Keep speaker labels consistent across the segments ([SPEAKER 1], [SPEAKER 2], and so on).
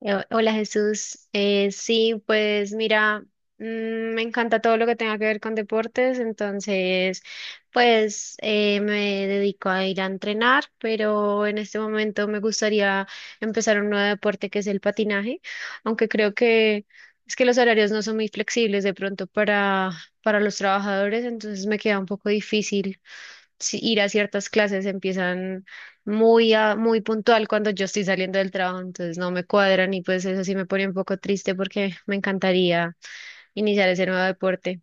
[SPEAKER 1] Hola Jesús, sí, pues mira, me encanta todo lo que tenga que ver con deportes, entonces pues me dedico a ir a entrenar, pero en este momento me gustaría empezar un nuevo deporte que es el patinaje, aunque creo que es que los horarios no son muy flexibles de pronto para los trabajadores, entonces me queda un poco difícil ir a ciertas clases, empiezan muy puntual cuando yo estoy saliendo del trabajo, entonces no me cuadran y pues eso sí me pone un poco triste porque me encantaría iniciar ese nuevo deporte.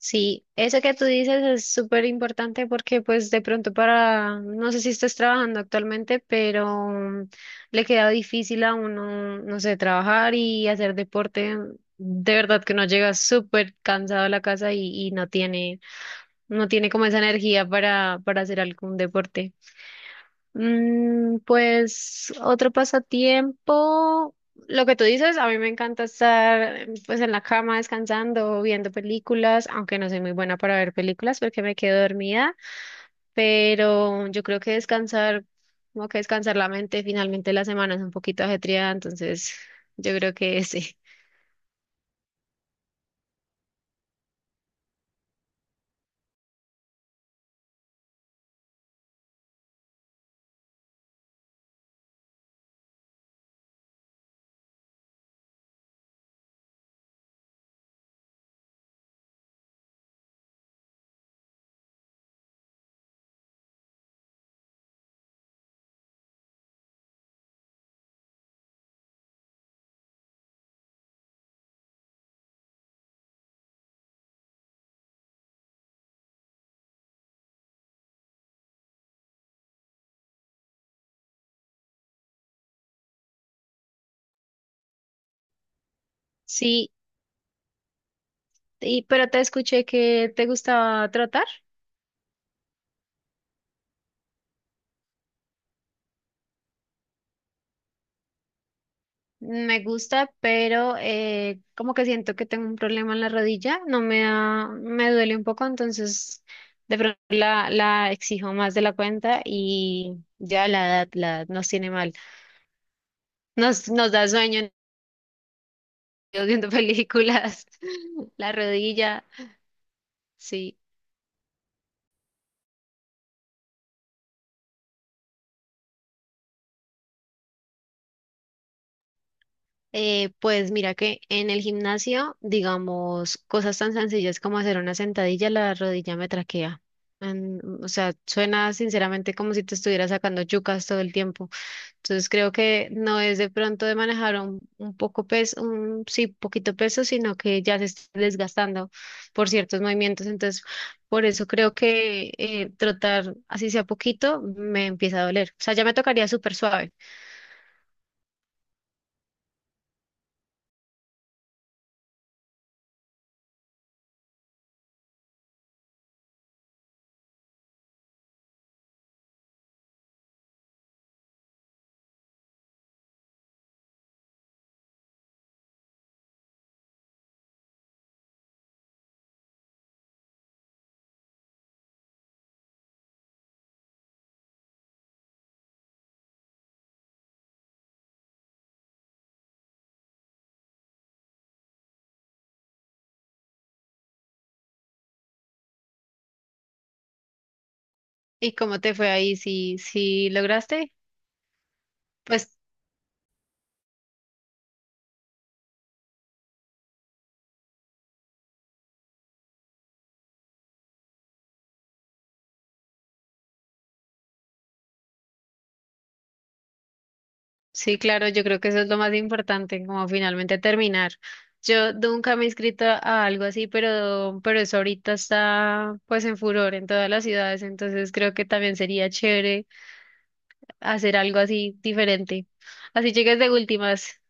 [SPEAKER 1] Sí, eso que tú dices es súper importante porque pues de pronto para, no sé si estás trabajando actualmente, pero le queda difícil a uno, no sé, trabajar y hacer deporte. De verdad que uno llega súper cansado a la casa y no no tiene como esa energía para hacer algún deporte. Pues otro pasatiempo, lo que tú dices, a mí me encanta estar pues en la cama descansando, viendo películas, aunque no soy muy buena para ver películas porque me quedo dormida, pero yo creo que descansar, como que descansar la mente, finalmente la semana es un poquito ajetreada, entonces yo creo que sí. Sí, y, pero te escuché que te gustaba trotar. Me gusta, pero como que siento que tengo un problema en la rodilla, no me da, me duele un poco, entonces de pronto la exijo más de la cuenta y ya la edad nos tiene mal. Nos da sueño viendo películas, la rodilla, sí. Pues mira que en el gimnasio, digamos, cosas tan sencillas como hacer una sentadilla, la rodilla me traquea. O sea, suena sinceramente como si te estuviera sacando yucas todo el tiempo. Entonces creo que no es de pronto de manejar un poco peso, un sí, poquito peso, sino que ya se está desgastando por ciertos movimientos. Entonces, por eso creo que trotar así sea poquito me empieza a doler. O sea, ya me tocaría súper suave. ¿Y cómo te fue ahí? Si, si lograste, pues sí, claro, yo creo que eso es lo más importante, como finalmente terminar. Yo nunca me he inscrito a algo así, pero eso ahorita está pues en furor en todas las ciudades, entonces creo que también sería chévere hacer algo así diferente. Así llegues de últimas.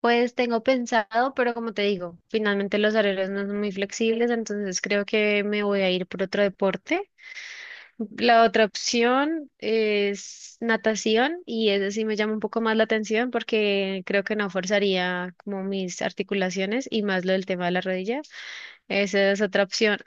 [SPEAKER 1] Pues tengo pensado, pero como te digo, finalmente los horarios no son muy flexibles, entonces creo que me voy a ir por otro deporte. La otra opción es natación y esa sí me llama un poco más la atención porque creo que no forzaría como mis articulaciones y más lo del tema de la rodilla. Esa es otra opción.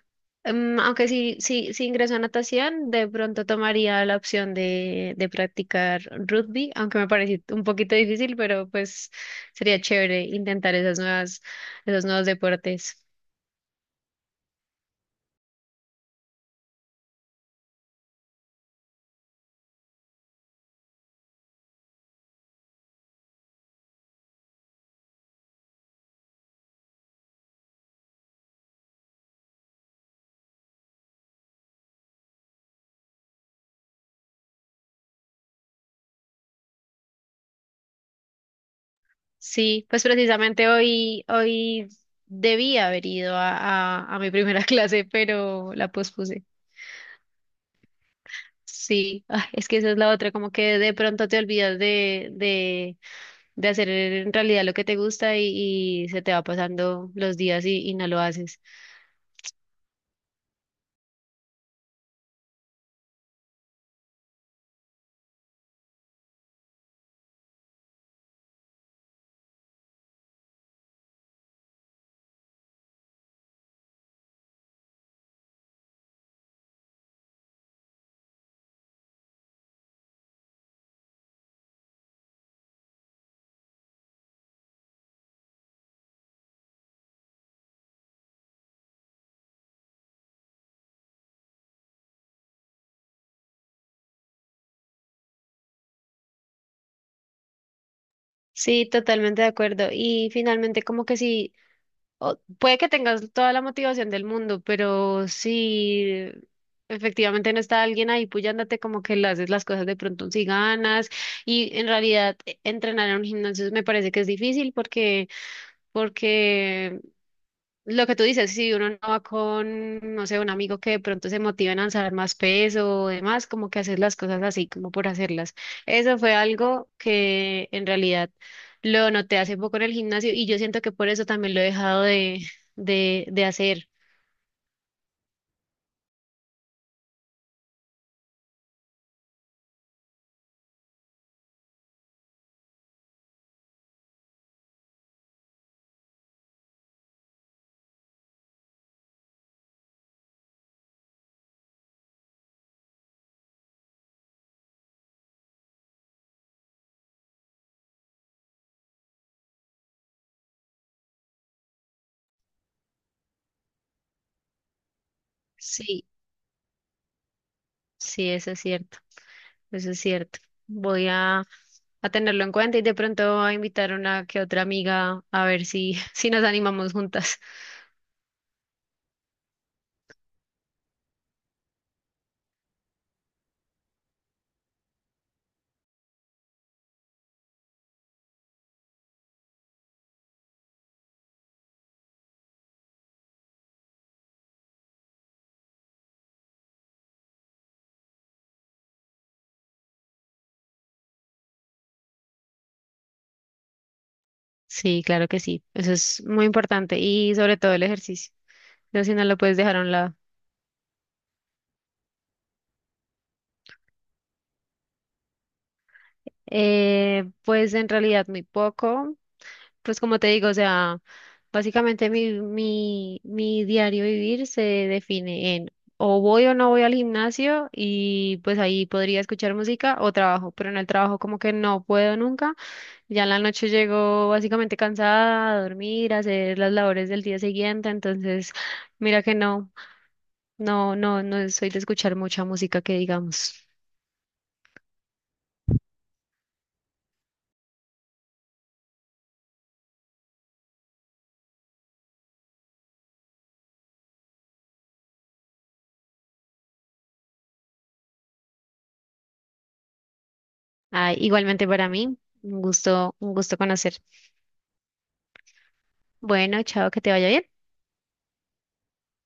[SPEAKER 1] Aunque sí, sí, si ingreso a natación, de pronto tomaría la opción de practicar rugby, aunque me parece un poquito difícil, pero pues sería chévere intentar esas nuevas, esos nuevos deportes. Sí, pues precisamente hoy debía haber ido a mi primera clase, pero la pospuse. Sí, ah, es que esa es la otra, como que de pronto te olvidas de hacer en realidad lo que te gusta y se te va pasando los días y no lo haces. Sí, totalmente de acuerdo. Y finalmente, como que sí. Puede que tengas toda la motivación del mundo, pero si efectivamente no está alguien ahí puyándote, como que le haces las cosas de pronto si ganas. Y en realidad, entrenar en un gimnasio me parece que es difícil porque lo que tú dices, si uno no va con, no sé, un amigo que de pronto se motiva a lanzar más peso o demás, como que hacer las cosas así, como por hacerlas. Eso fue algo que en realidad lo noté hace poco en el gimnasio y yo siento que por eso también lo he dejado de hacer. Sí, sí, eso es cierto, eso es cierto. Voy a, a tenerlo en cuenta y de pronto a invitar a una que otra amiga a ver si, si nos animamos juntas. Sí, claro que sí, eso es muy importante y sobre todo el ejercicio. No, si no lo puedes dejar a un lado. Pues en realidad muy poco. Pues como te digo, o sea, básicamente mi diario vivir se define en o voy o no voy al gimnasio y pues ahí podría escuchar música o trabajo, pero en el trabajo como que no puedo nunca. Ya en la noche llego básicamente cansada a dormir, a hacer las labores del día siguiente, entonces mira que no soy de escuchar mucha música que digamos. Ah, igualmente para mí, un gusto conocer. Bueno, chao, que te vaya bien.